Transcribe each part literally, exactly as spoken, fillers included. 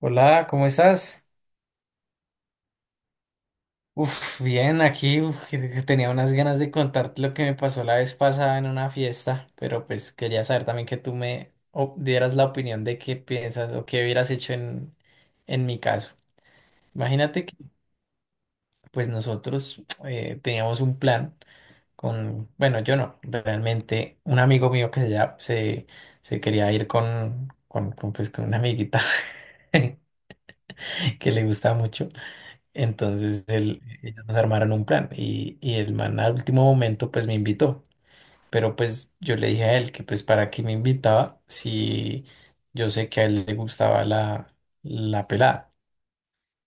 Hola, ¿cómo estás? Uf, bien, aquí uf, que- que tenía unas ganas de contarte lo que me pasó la vez pasada en una fiesta, pero pues quería saber también que tú me o- dieras la opinión de qué piensas o qué hubieras hecho en, en mi caso. Imagínate que pues nosotros eh, teníamos un plan con, bueno, yo no, realmente un amigo mío que se, llama- se, se quería ir con, con, con, pues, con una amiguita que le gusta mucho. Entonces él- ellos nos armaron un plan y, y el man al último momento pues me invitó, pero pues yo le dije a él que pues para qué me invitaba si yo sé que a él le gustaba la, la pelada.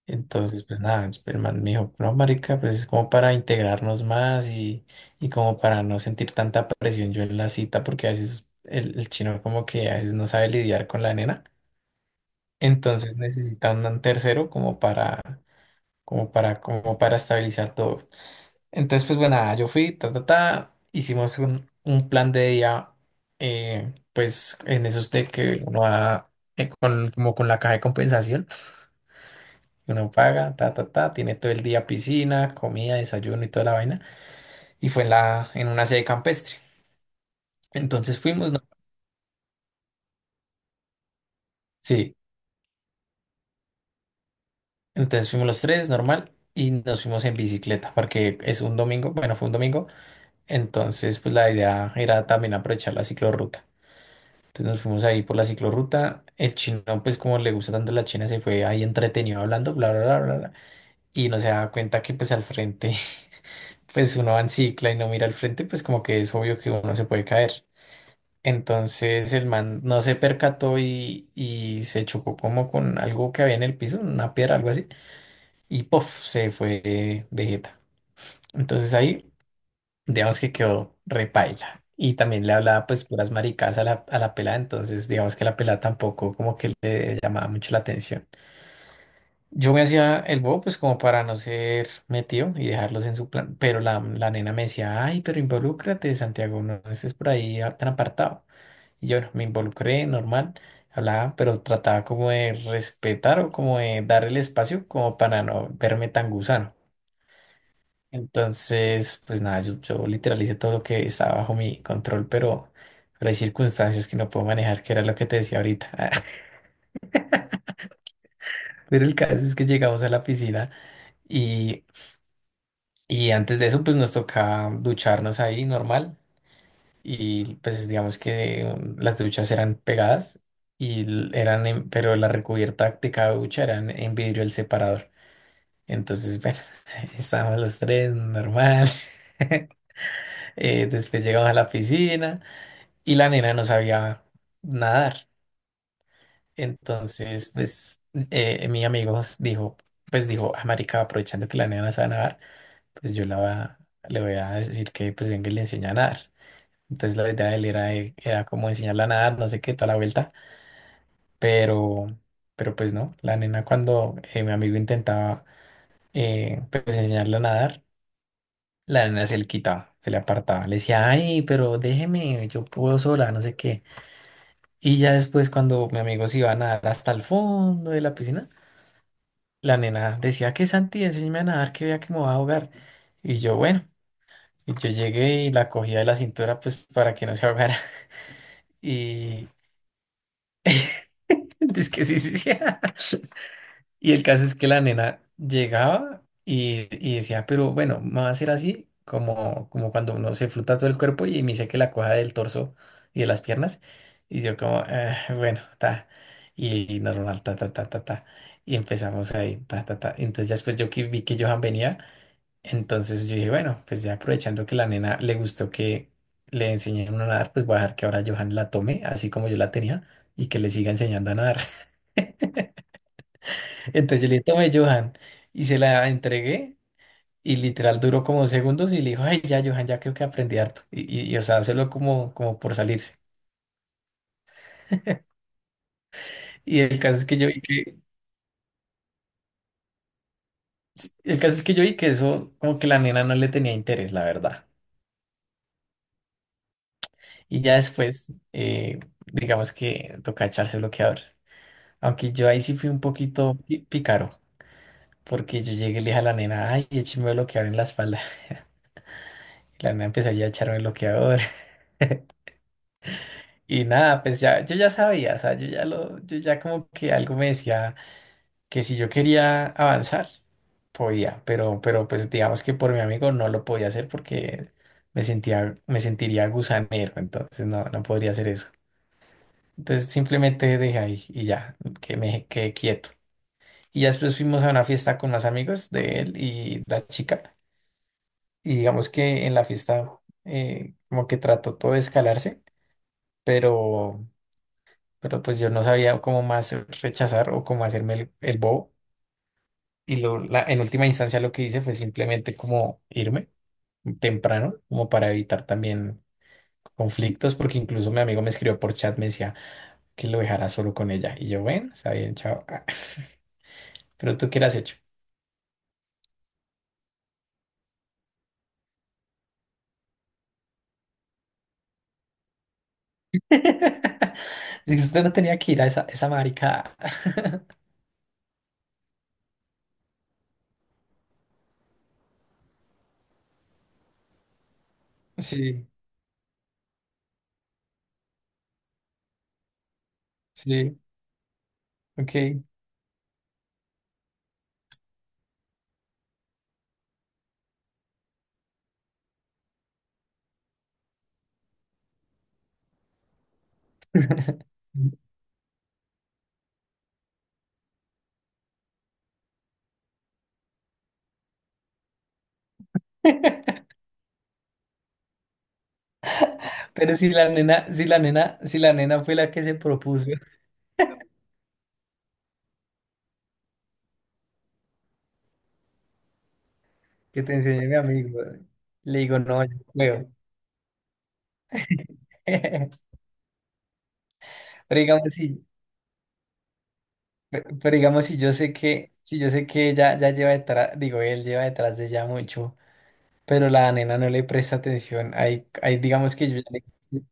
Entonces pues nada, el man me dijo, no marica, pues es como para integrarnos más y, y como para no sentir tanta presión yo en la cita porque a veces el, el chino como que a veces no sabe lidiar con la nena, entonces necesita un tercero como para como para, como para estabilizar todo. Entonces, pues bueno, nada yo fui, ta, ta, ta, hicimos un, un plan de día, eh, pues en esos de que uno va eh, con, como con la caja de compensación, uno paga, ta, ta, ta, tiene todo el día piscina, comida, desayuno y toda la vaina, y fue en la, en una sede campestre. Entonces fuimos, ¿no? Sí, entonces fuimos los tres, normal, y nos fuimos en bicicleta, porque es un domingo, bueno, fue un domingo, entonces pues la idea era también aprovechar la ciclorruta. Entonces nos fuimos ahí por la ciclorruta. El chino, pues como le gusta tanto la China, se fue ahí entretenido hablando, bla, bla, bla, bla, bla. Y no se da cuenta que pues al frente, pues uno va en cicla y no mira al frente, pues como que es obvio que uno se puede caer. Entonces el man no se percató y, y se chocó como con algo que había en el piso, una piedra, algo así. Y puff, se fue de jeta. Entonces ahí digamos que quedó repaila. Y también le hablaba pues puras maricas a la, a la pelada, entonces digamos que la pelada tampoco como que le llamaba mucho la atención. Yo me hacía el bobo pues como para no ser metido y dejarlos en su plan, pero la, la nena me decía, ay, pero involúcrate, Santiago, no estés por ahí a- tan apartado. Y yo no, me involucré, normal, hablaba, pero trataba como de respetar o como de dar el espacio como para no verme tan gusano. Entonces, pues nada, yo, yo literal hice todo lo que estaba bajo mi control, pero, pero hay circunstancias que no puedo manejar, que era lo que te decía ahorita. Pero el caso es que llegamos a la piscina y, y antes de eso, pues nos tocaba ducharnos ahí normal. Y pues digamos que um, las duchas eran pegadas, y l- eran en- pero la recubierta de cada ducha era en en vidrio el separador. Entonces, bueno, estábamos los tres normal. Eh, después llegamos a la piscina y la nena no sabía nadar. Entonces, pues, eh, mi amigo dijo, pues dijo, ah, marica, aprovechando que la nena no sabe nadar, pues yo la, va- le voy a decir que pues venga y le enseña a nadar. Entonces la idea de él era, eh, era como enseñarla a nadar, no sé qué, toda la vuelta, pero, pero pues no, la nena cuando eh, mi amigo intentaba eh, pues enseñarla a nadar, la nena se le quitaba, se le apartaba, le decía, ay, pero déjeme, yo puedo sola, no sé qué. Y ya después, cuando mi amigo se iba a nadar hasta el fondo de la piscina, la nena decía que Santi, enséñame a nadar, que vea que me voy a ahogar. Y yo, bueno, y yo llegué y la cogía de la cintura, pues para que no se ahogara. Y es que sí, sí, sí. Y el caso es que la nena llegaba y, y decía, pero bueno, me va a hacer así, como, como cuando uno se fluta todo el cuerpo y me dice que la coja del torso y de las piernas. Y yo como, "Ah, bueno, ta. Y normal, ta, ta, ta, ta, ta. Y empezamos ahí, ta, ta, ta. Entonces ya después yo que vi que Johan venía, entonces yo dije, bueno, pues ya aprovechando que la nena le gustó que le enseñé a nadar, pues voy a dejar que ahora Johan la tome, así como yo la tenía, y que le siga enseñando a nadar. Entonces yo le dije, tome, Johan. Y se la entregué y literal duró como segundos y le dijo, ay, ya, Johan, ya creo que aprendí harto. Y, y, y, o sea, solo como, como por salirse. Y el caso es que yo vi que, el caso es que yo vi que eso, como que la nena no le tenía interés, la verdad. Y ya después, eh, digamos que toca echarse bloqueador. Aunque yo ahí sí fui un poquito pi- pícaro, porque yo llegué y le dije a la nena, ay, écheme bloqueador en la espalda. La nena empezó ya a echarme bloqueador. Y nada, pues ya, yo ya sabía, o sea, yo ya lo, yo ya como que algo me decía que si yo quería avanzar, podía, pero, pero pues digamos que por mi amigo no lo podía hacer porque me sentía, me sentiría gusanero, entonces no, no podría hacer eso. Entonces simplemente dejé ahí y ya, que me quedé quieto. Y ya después fuimos a una fiesta con más amigos de él y la chica, y digamos que en la fiesta eh, como que trató todo de escalarse, pero pero pues yo no sabía cómo más rechazar o cómo hacerme el, el bobo. Y lo, la, en última instancia lo que hice fue simplemente como irme temprano, como para evitar también conflictos, porque incluso mi amigo me escribió por chat, me decía que lo dejara solo con ella. Y yo, bueno, está bien, chao. Ah, pero tú qué le has hecho. Si usted no tenía que ir a esa, esa maricada. Sí, sí, ok. Pero si la nena, si la nena, si la nena fue la que se propuso. Que te enseñé mi amigo. Le digo, no, yo juego. Pero digamos si, pero digamos si yo sé que, si yo sé que ella ya lleva detrás, digo, él lleva detrás de ella mucho, pero la nena no le presta atención. Ahí, ahí digamos que yo ya le...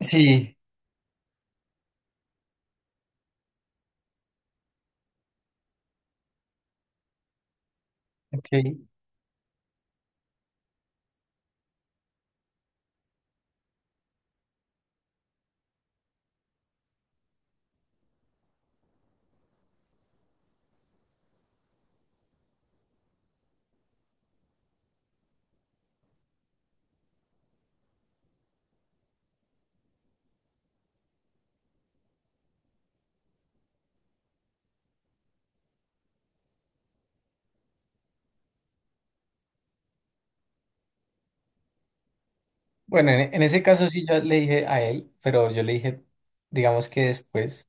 Sí, ok. Bueno, en, en ese caso sí yo le dije a él, pero yo le dije, digamos que después,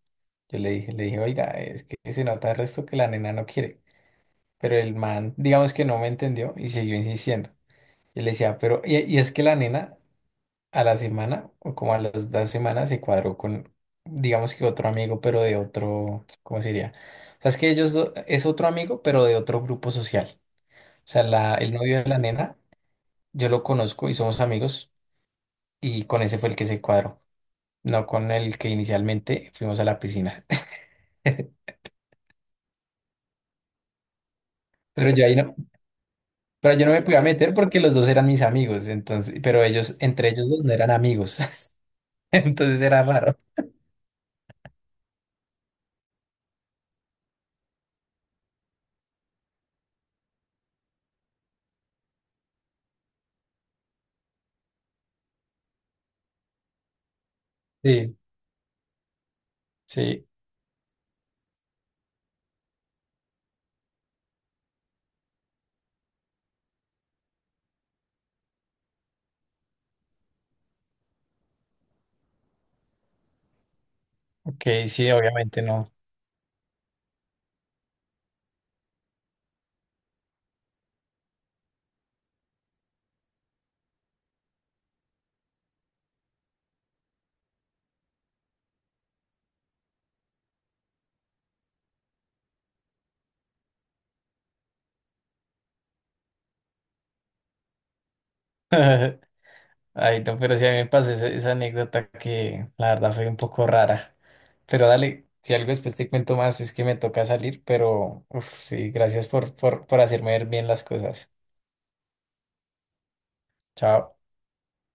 yo le dije, le dije, oiga, es que se nota el resto que la nena no quiere. Pero el man, digamos que no me entendió y siguió insistiendo. Yo le decía, pero, y, y es que la nena a la semana, o como a las dos semanas, se cuadró con, digamos que otro amigo, pero de otro, ¿cómo se diría? O sea, es que ellos, do- es otro amigo, pero de otro grupo social. O sea, la, el novio de la nena, yo lo conozco y somos amigos, y con ese fue el que se cuadró, no con el que inicialmente fuimos a la piscina. Pero yo ahí no, pero yo no me podía meter porque los dos eran mis amigos, entonces, pero ellos, entre ellos dos no eran amigos, entonces era raro. Sí, sí. Que sí, obviamente no. Ay, no, pero sí a mí me pasó esa, esa anécdota que la verdad fue un poco rara. Pero dale, si algo después te cuento más, es que me toca salir, pero uf, sí, gracias por, por, por hacerme ver bien las cosas. Chao.